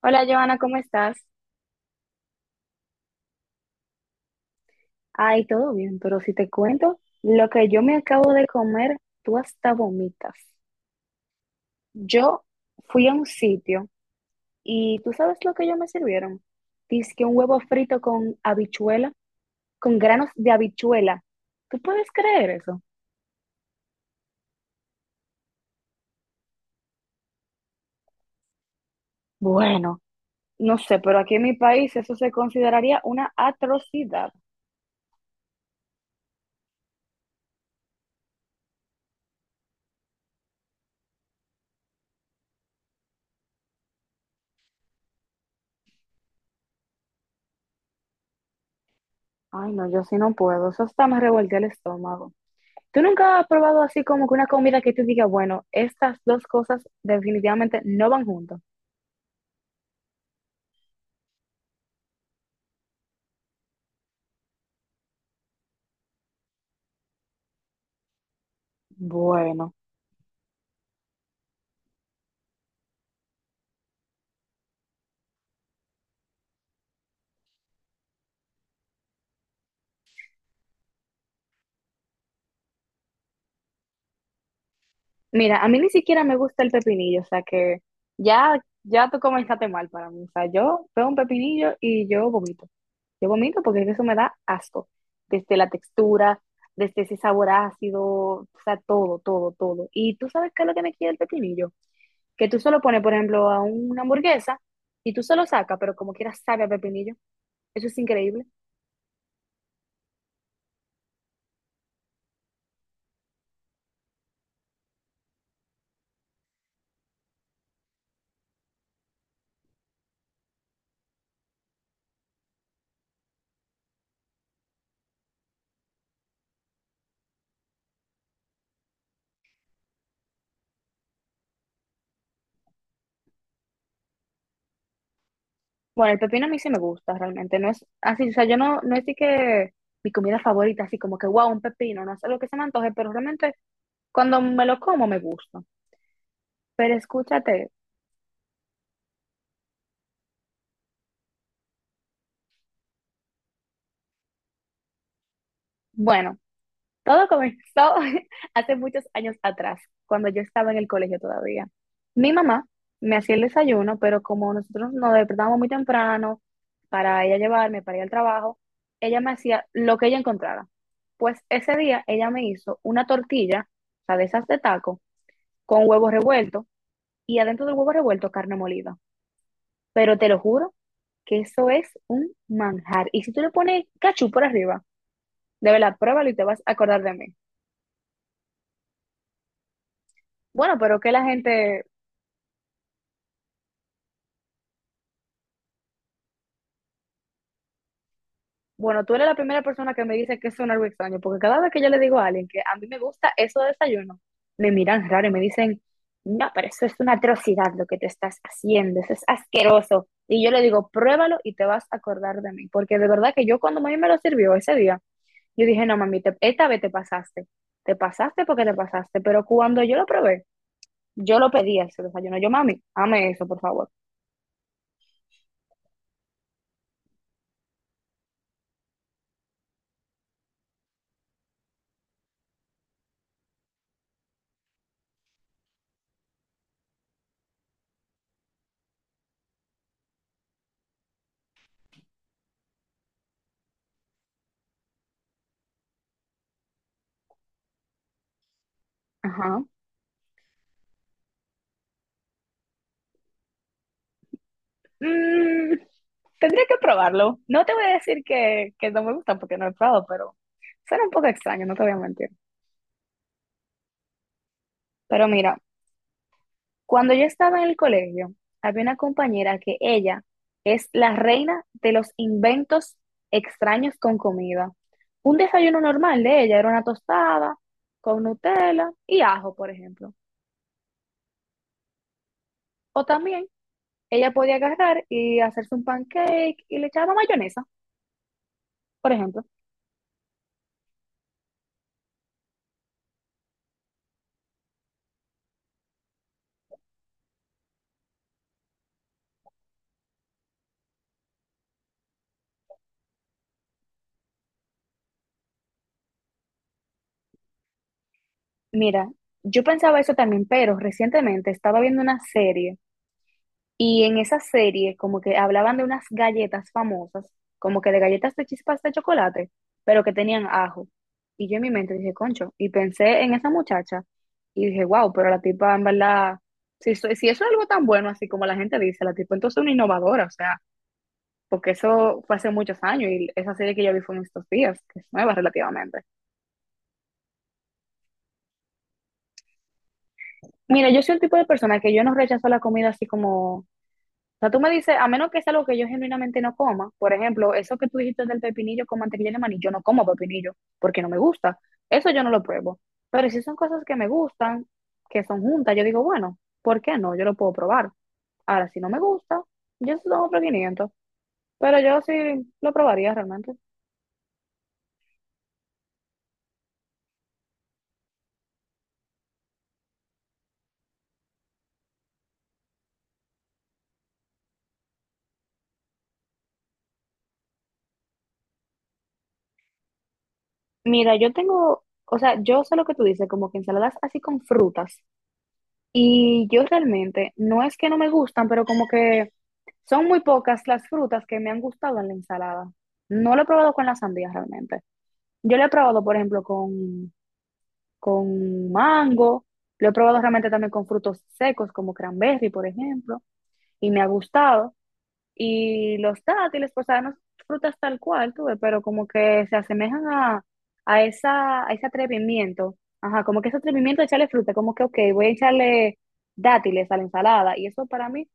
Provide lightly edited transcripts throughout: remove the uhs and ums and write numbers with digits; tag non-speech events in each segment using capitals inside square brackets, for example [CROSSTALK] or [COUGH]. Hola, Joana, ¿cómo estás? Ay, todo bien, pero si te cuento lo que yo me acabo de comer, tú hasta vomitas. Yo fui a un sitio y tú sabes lo que ellos me sirvieron. Dice que un huevo frito con habichuela, con granos de habichuela. ¿Tú puedes creer eso? Bueno, no sé, pero aquí en mi país eso se consideraría una atrocidad. Ay, no, yo sí no puedo. Eso hasta me revolvió el estómago. ¿Tú nunca has probado así como que una comida que tú digas, bueno, estas dos cosas definitivamente no van juntas? Bueno, mira, a mí ni siquiera me gusta el pepinillo, o sea que ya, ya tú comenzaste mal para mí. O sea, yo veo un pepinillo y yo vomito. Yo vomito porque eso me da asco. Desde la textura, desde ese sabor ácido, o sea, todo, todo, todo. Y tú sabes qué es lo que me quiere el pepinillo. Que tú solo pones, por ejemplo, a una hamburguesa y tú solo sacas, pero como quieras sabe a pepinillo. Eso es increíble. Bueno, el pepino a mí sí me gusta realmente, no es así, o sea, yo no es así que mi comida favorita, así como que, wow, un pepino, no es algo que se me antoje, pero realmente cuando me lo como me gusta. Pero escúchate, bueno, todo comenzó [LAUGHS] hace muchos años atrás, cuando yo estaba en el colegio todavía. Mi mamá me hacía el desayuno, pero como nosotros nos despertábamos muy temprano para ella llevarme, para ir al trabajo, ella me hacía lo que ella encontrara. Pues ese día ella me hizo una tortilla, o sea, de esas de taco con huevo revuelto y adentro del huevo revuelto carne molida. Pero te lo juro que eso es un manjar. Y si tú le pones cachú por arriba, de verdad, pruébalo y te vas a acordar de mí. Bueno, pero que la gente, bueno, tú eres la primera persona que me dice que eso es un algo extraño, porque cada vez que yo le digo a alguien que a mí me gusta eso de desayuno, me miran raro y me dicen, no, pero eso es una atrocidad lo que te estás haciendo, eso es asqueroso. Y yo le digo, pruébalo y te vas a acordar de mí, porque de verdad que yo cuando a mí me lo sirvió ese día, yo dije, no, mami, esta vez te pasaste. Te pasaste porque te pasaste. Pero cuando yo lo probé, yo lo pedí ese desayuno. Yo, mami, ame eso, por favor. Ajá. Mm, tendría que probarlo. No te voy a decir que no me gusta porque no he probado, pero suena un poco extraño, no te voy a mentir. Pero mira, cuando yo estaba en el colegio, había una compañera que ella es la reina de los inventos extraños con comida. Un desayuno normal de ella era una tostada con Nutella y ajo, por ejemplo. O también ella podía agarrar y hacerse un pancake y le echaba mayonesa, por ejemplo. Mira, yo pensaba eso también, pero recientemente estaba viendo una serie. Y en esa serie, como que hablaban de unas galletas famosas, como que de galletas de chispas de chocolate, pero que tenían ajo. Y yo en mi mente dije, concho, y pensé en esa muchacha y dije, wow, pero la tipa en verdad, si eso es algo tan bueno, así como la gente dice, la tipa entonces es una innovadora, o sea, porque eso fue hace muchos años y esa serie que yo vi fue en estos días, que es nueva relativamente. Mira, yo soy el tipo de persona que yo no rechazo la comida así como. O sea, tú me dices, a menos que sea algo que yo genuinamente no coma, por ejemplo, eso que tú dijiste del pepinillo con mantequilla de maní, yo no como pepinillo porque no me gusta. Eso yo no lo pruebo. Pero si son cosas que me gustan, que son juntas, yo digo, bueno, ¿por qué no? Yo lo puedo probar. Ahora, si no me gusta, yo tengo otro 500, pero yo sí lo probaría realmente. Mira, yo tengo, o sea, yo sé lo que tú dices, como que ensaladas así con frutas. Y yo realmente, no es que no me gustan, pero como que son muy pocas las frutas que me han gustado en la ensalada. No lo he probado con la sandía realmente. Yo lo he probado, por ejemplo, con mango, lo he probado realmente también con frutos secos como cranberry, por ejemplo, y me ha gustado y los dátiles, pues saben, frutas tal cual, tuve pero como que se asemejan a, a ese atrevimiento, ajá, como que ese atrevimiento de echarle fruta, como que, ok, voy a echarle dátiles a la ensalada, y eso para mí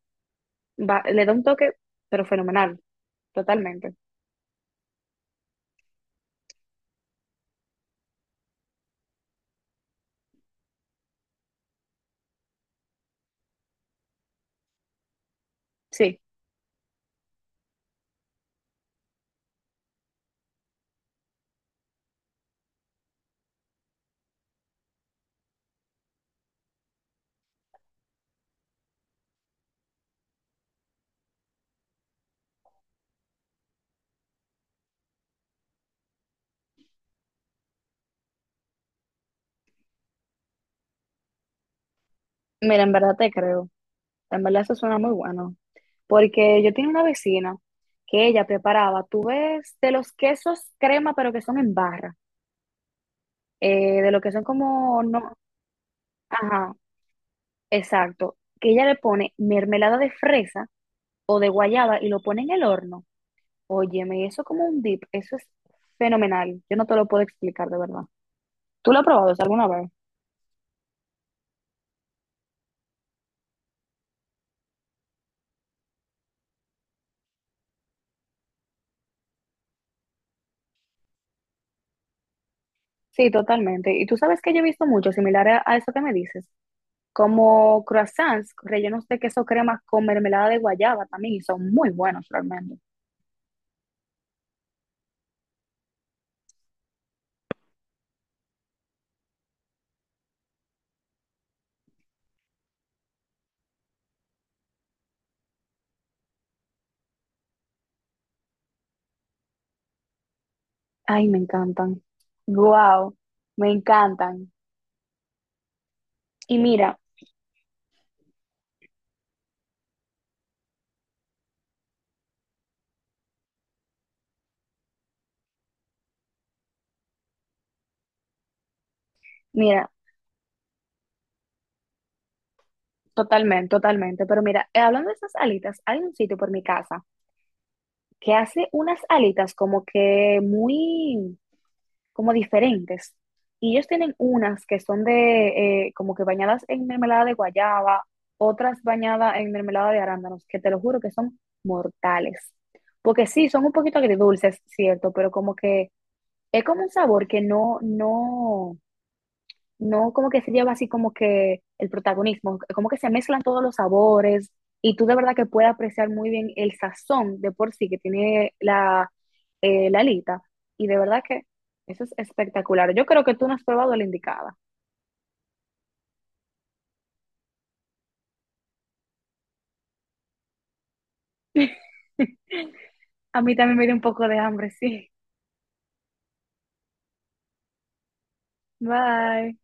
le da un toque, pero fenomenal, totalmente. Sí, mira, en verdad te creo, en verdad eso suena muy bueno, porque yo tenía una vecina que ella preparaba, tú ves, de los quesos crema, pero que son en barra, de lo que son como, no, ajá, exacto, que ella le pone mermelada de fresa o de guayaba y lo pone en el horno. Óyeme, eso como un dip, eso es fenomenal. Yo no te lo puedo explicar de verdad. ¿Tú lo has probado eso alguna vez? Sí, totalmente. Y tú sabes que yo he visto mucho similar a eso que me dices, como croissants rellenos de queso crema con mermelada de guayaba también, y son muy buenos realmente. Ay, me encantan. Wow, me encantan. Y mira, totalmente, totalmente. Pero mira, hablando de esas alitas, hay un sitio por mi casa que hace unas alitas como que muy, como diferentes. Y ellos tienen unas que son de, como que bañadas en mermelada de guayaba, otras bañadas en mermelada de arándanos, que te lo juro que son mortales. Porque sí, son un poquito agridulces, cierto, pero como que es como un sabor que no como que se lleva así como que el protagonismo, como que se mezclan todos los sabores y tú de verdad que puedes apreciar muy bien el sazón de por sí que tiene la, la alita y de verdad que eso es espectacular. Yo creo que tú no has probado la indicada. [LAUGHS] A mí también me dio un poco de hambre, sí. Bye.